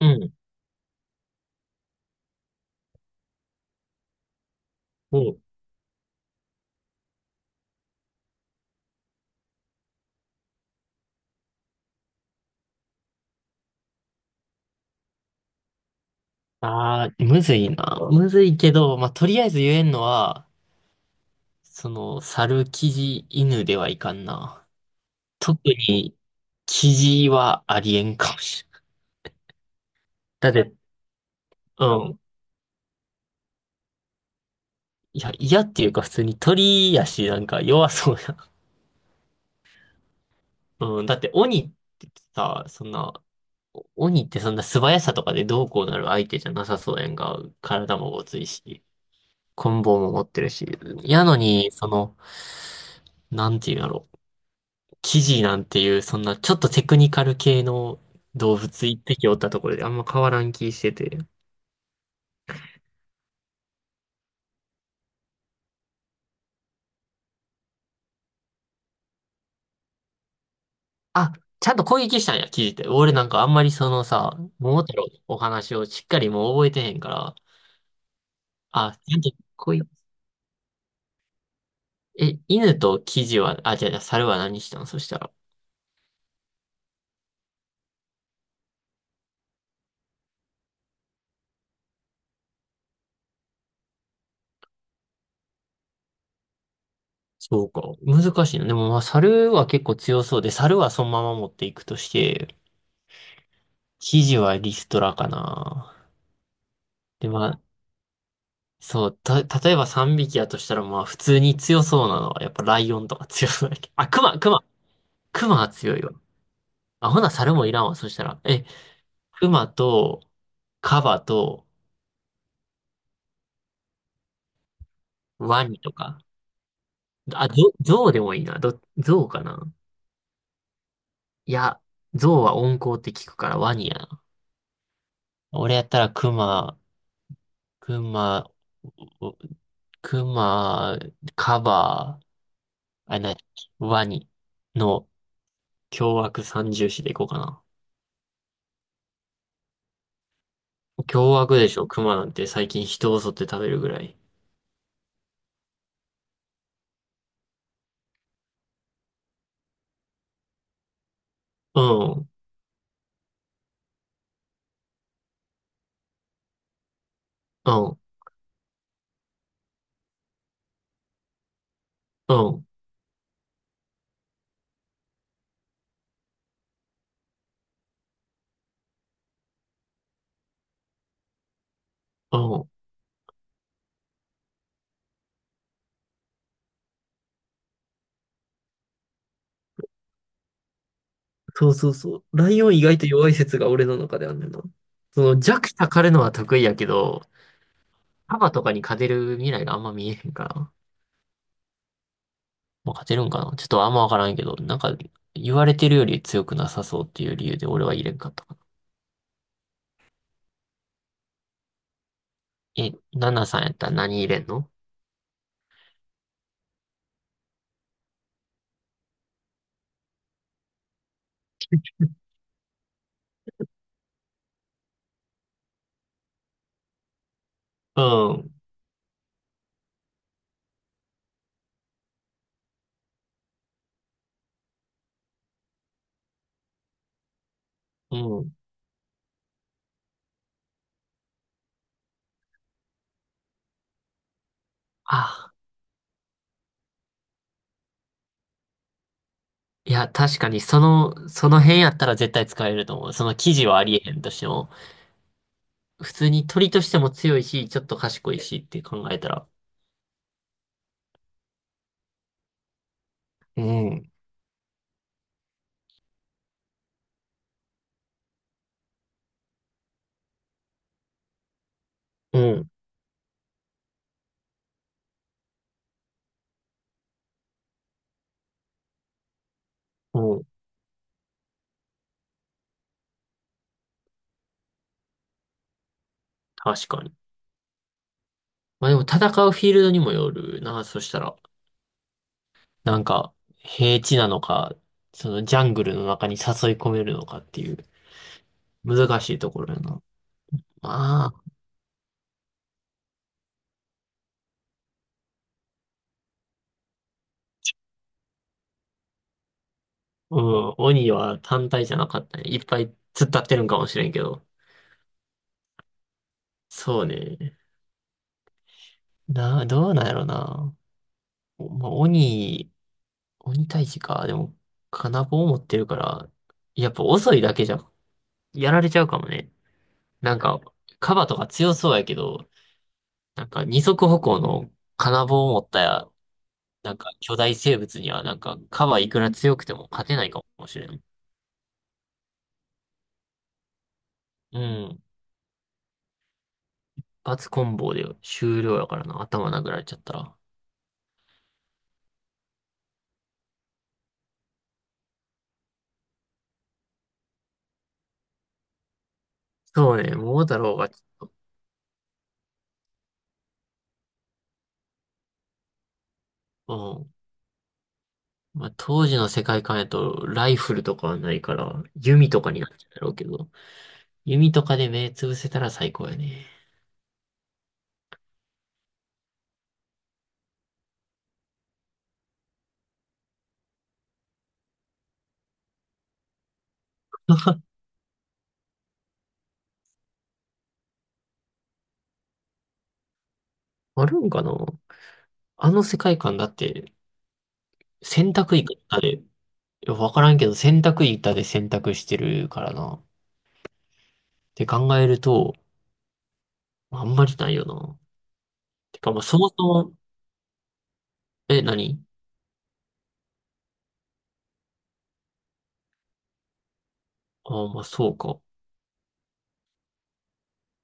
うん、うん。ああ、むずいな。むずいけど、まあ、とりあえず言えんのは、猿、キジ、犬ではいかんな。特に、キジはありえんかもしれん。だって、うん。いや、嫌っていうか普通に鳥やし、なんか弱そうや。うん。だっててさ、そんな、鬼ってそんな素早さとかでどうこうなる相手じゃなさそうやんか。体もごついし、棍棒も持ってるし。やのに、なんていうんやろ。キジなんていう、そんなちょっとテクニカル系の動物一匹おったところであんま変わらん気してて。あ、ちゃんと攻撃したんや、キジって。俺なんかあんまりそのさ、桃太郎のお話をしっかりもう覚えてへんから、あ、ちゃんと攻撃、え、犬とキジは、あ、じゃあ猿は何したんそしたら。そうか。難しいな。でもまあ、猿は結構強そうで、猿はそのまま持っていくとして、キジはリストラかな。で、まあ、例えば3匹やとしたら、まあ、普通に強そうなのは、やっぱライオンとか強そうだけど。あ、クマは強いわ。あ、ほな、猿もいらんわ。そしたら、え、クマと、カバと、ワニとか。あ、ゾゾウでもいいな。ゾウかな。いや、ゾウは温厚って聞くからワニやな。俺やったらクマ、クマ、おクマ、カバー、あ、な、ワニの凶悪三重士でいこうかな。凶悪でしょ、熊なんて最近人を襲って食べるぐらい。うん、うん、うん、うん。そうそうそう。ライオン意外と弱い説が俺の中であんねんな。その弱者狩るのは得意やけど、カとかに勝てる未来があんま見えへんから。まあ、勝てるんかなちょっとあんまわからんけど、なんか言われてるより強くなさそうっていう理由で俺は入れんかったかな。え、ナナさんやったら何入れんの？うん、うん。あ、いや、確かにその辺やったら絶対使えると思う。その記事はありえへんとしても。普通に鳥としても強いし、ちょっと賢いしって考えたら。うん、うん、うん、確かに。まあでも戦うフィールドにもよるな、そしたら。なんか、平地なのか、そのジャングルの中に誘い込めるのかっていう、難しいところやな。まあ、うん、鬼は単体じゃなかったね。いっぱい突っ立ってるんかもしれんけど。そうね。どうなんやろな。まあ、鬼退治か。でも、金棒を持ってるから、やっぱ遅いだけじゃやられちゃうかもね。なんか、カバとか強そうやけど、なんか二足歩行の金棒を持ったや、なんか巨大生物にはなんかカバいくら強くても勝てないかもしれん。うん。一発コンボで終了やからな。頭殴られちゃったら。そうね、桃太郎が、うん。まあ、当時の世界観やとライフルとかはないから、弓とかになっちゃうんだろうけど、弓とかで目つぶせたら最高やね。あるんかなあの世界観だって、選択いくらで。いや、わからんけど、洗濯板で洗濯してるからな。って考えると、あんまりないよな。てか、まあ、そもそも、え、何。ああ、まあ、そうか。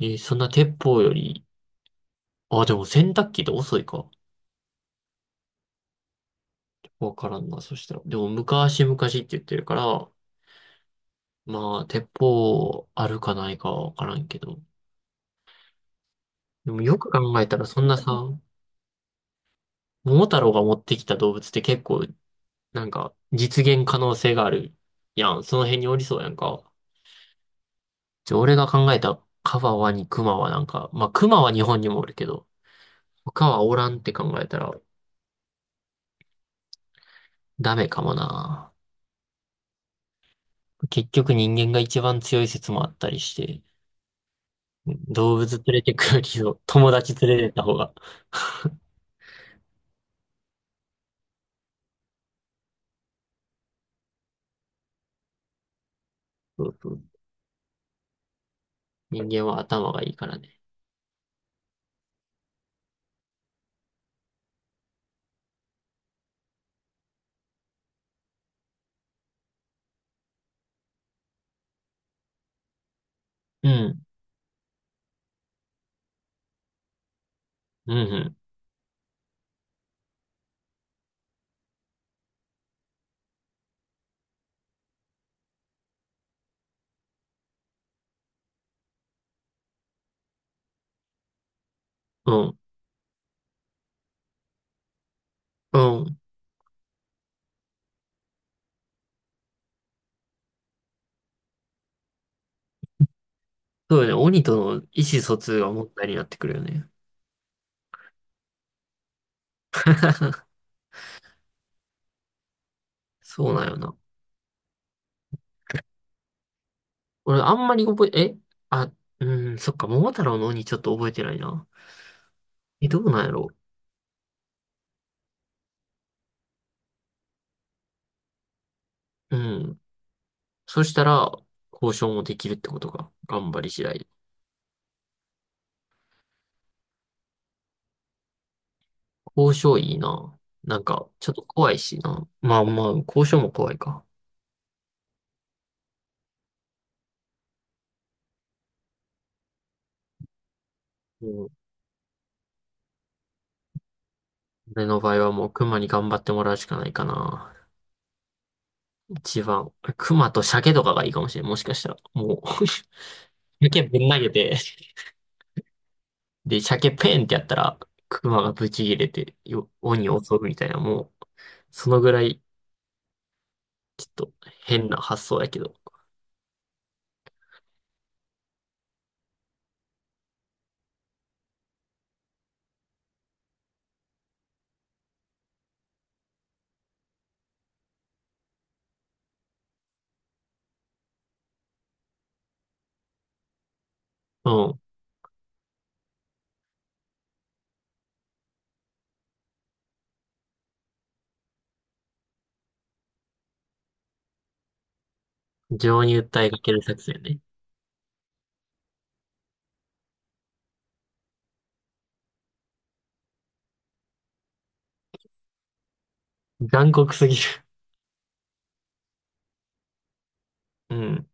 えーそんな鉄砲より、ああ、でも洗濯機って遅いか。わからんな、そしたら。でも、昔々って言ってるから、まあ、鉄砲あるかないかはわからんけど。でも、よく考えたら、そんなさ、桃太郎が持ってきた動物って結構、なんか、実現可能性があるやん。その辺におりそうやんか。じゃあ俺が考えたカバワにクマはなんか、まあクマは日本にもおるけど、他はおらんって考えたらダメかもな。結局人間が一番強い説もあったりして、動物連れてくよりも友達連れてった方が、そうそう人間は頭がいいからね。うん、うん、うん、うん、うん。そうよね。鬼との意思疎通が問題になってくるよね。そうなんよな。俺あんまり覚え、えあ、うん、そっか、桃太郎の鬼ちょっと覚えてないな。え、どうなんやろう。うん。そしたら、交渉もできるってことか。頑張り次第。交渉いいな。なんか、ちょっと怖いしな。まあまあ、交渉も怖いか。うん。俺の場合はもう熊に頑張ってもらうしかないかな。一番。熊と鮭とかがいいかもしれん。もしかしたら。もう 鮭ぶん投げて、で、鮭ペンってやったら、熊がブチ切れて、鬼を襲うみたいな、もう、そのぐらい、ちょっと変な発想やけど。うん。情に訴えかける作戦ね。残酷すぎる。うん。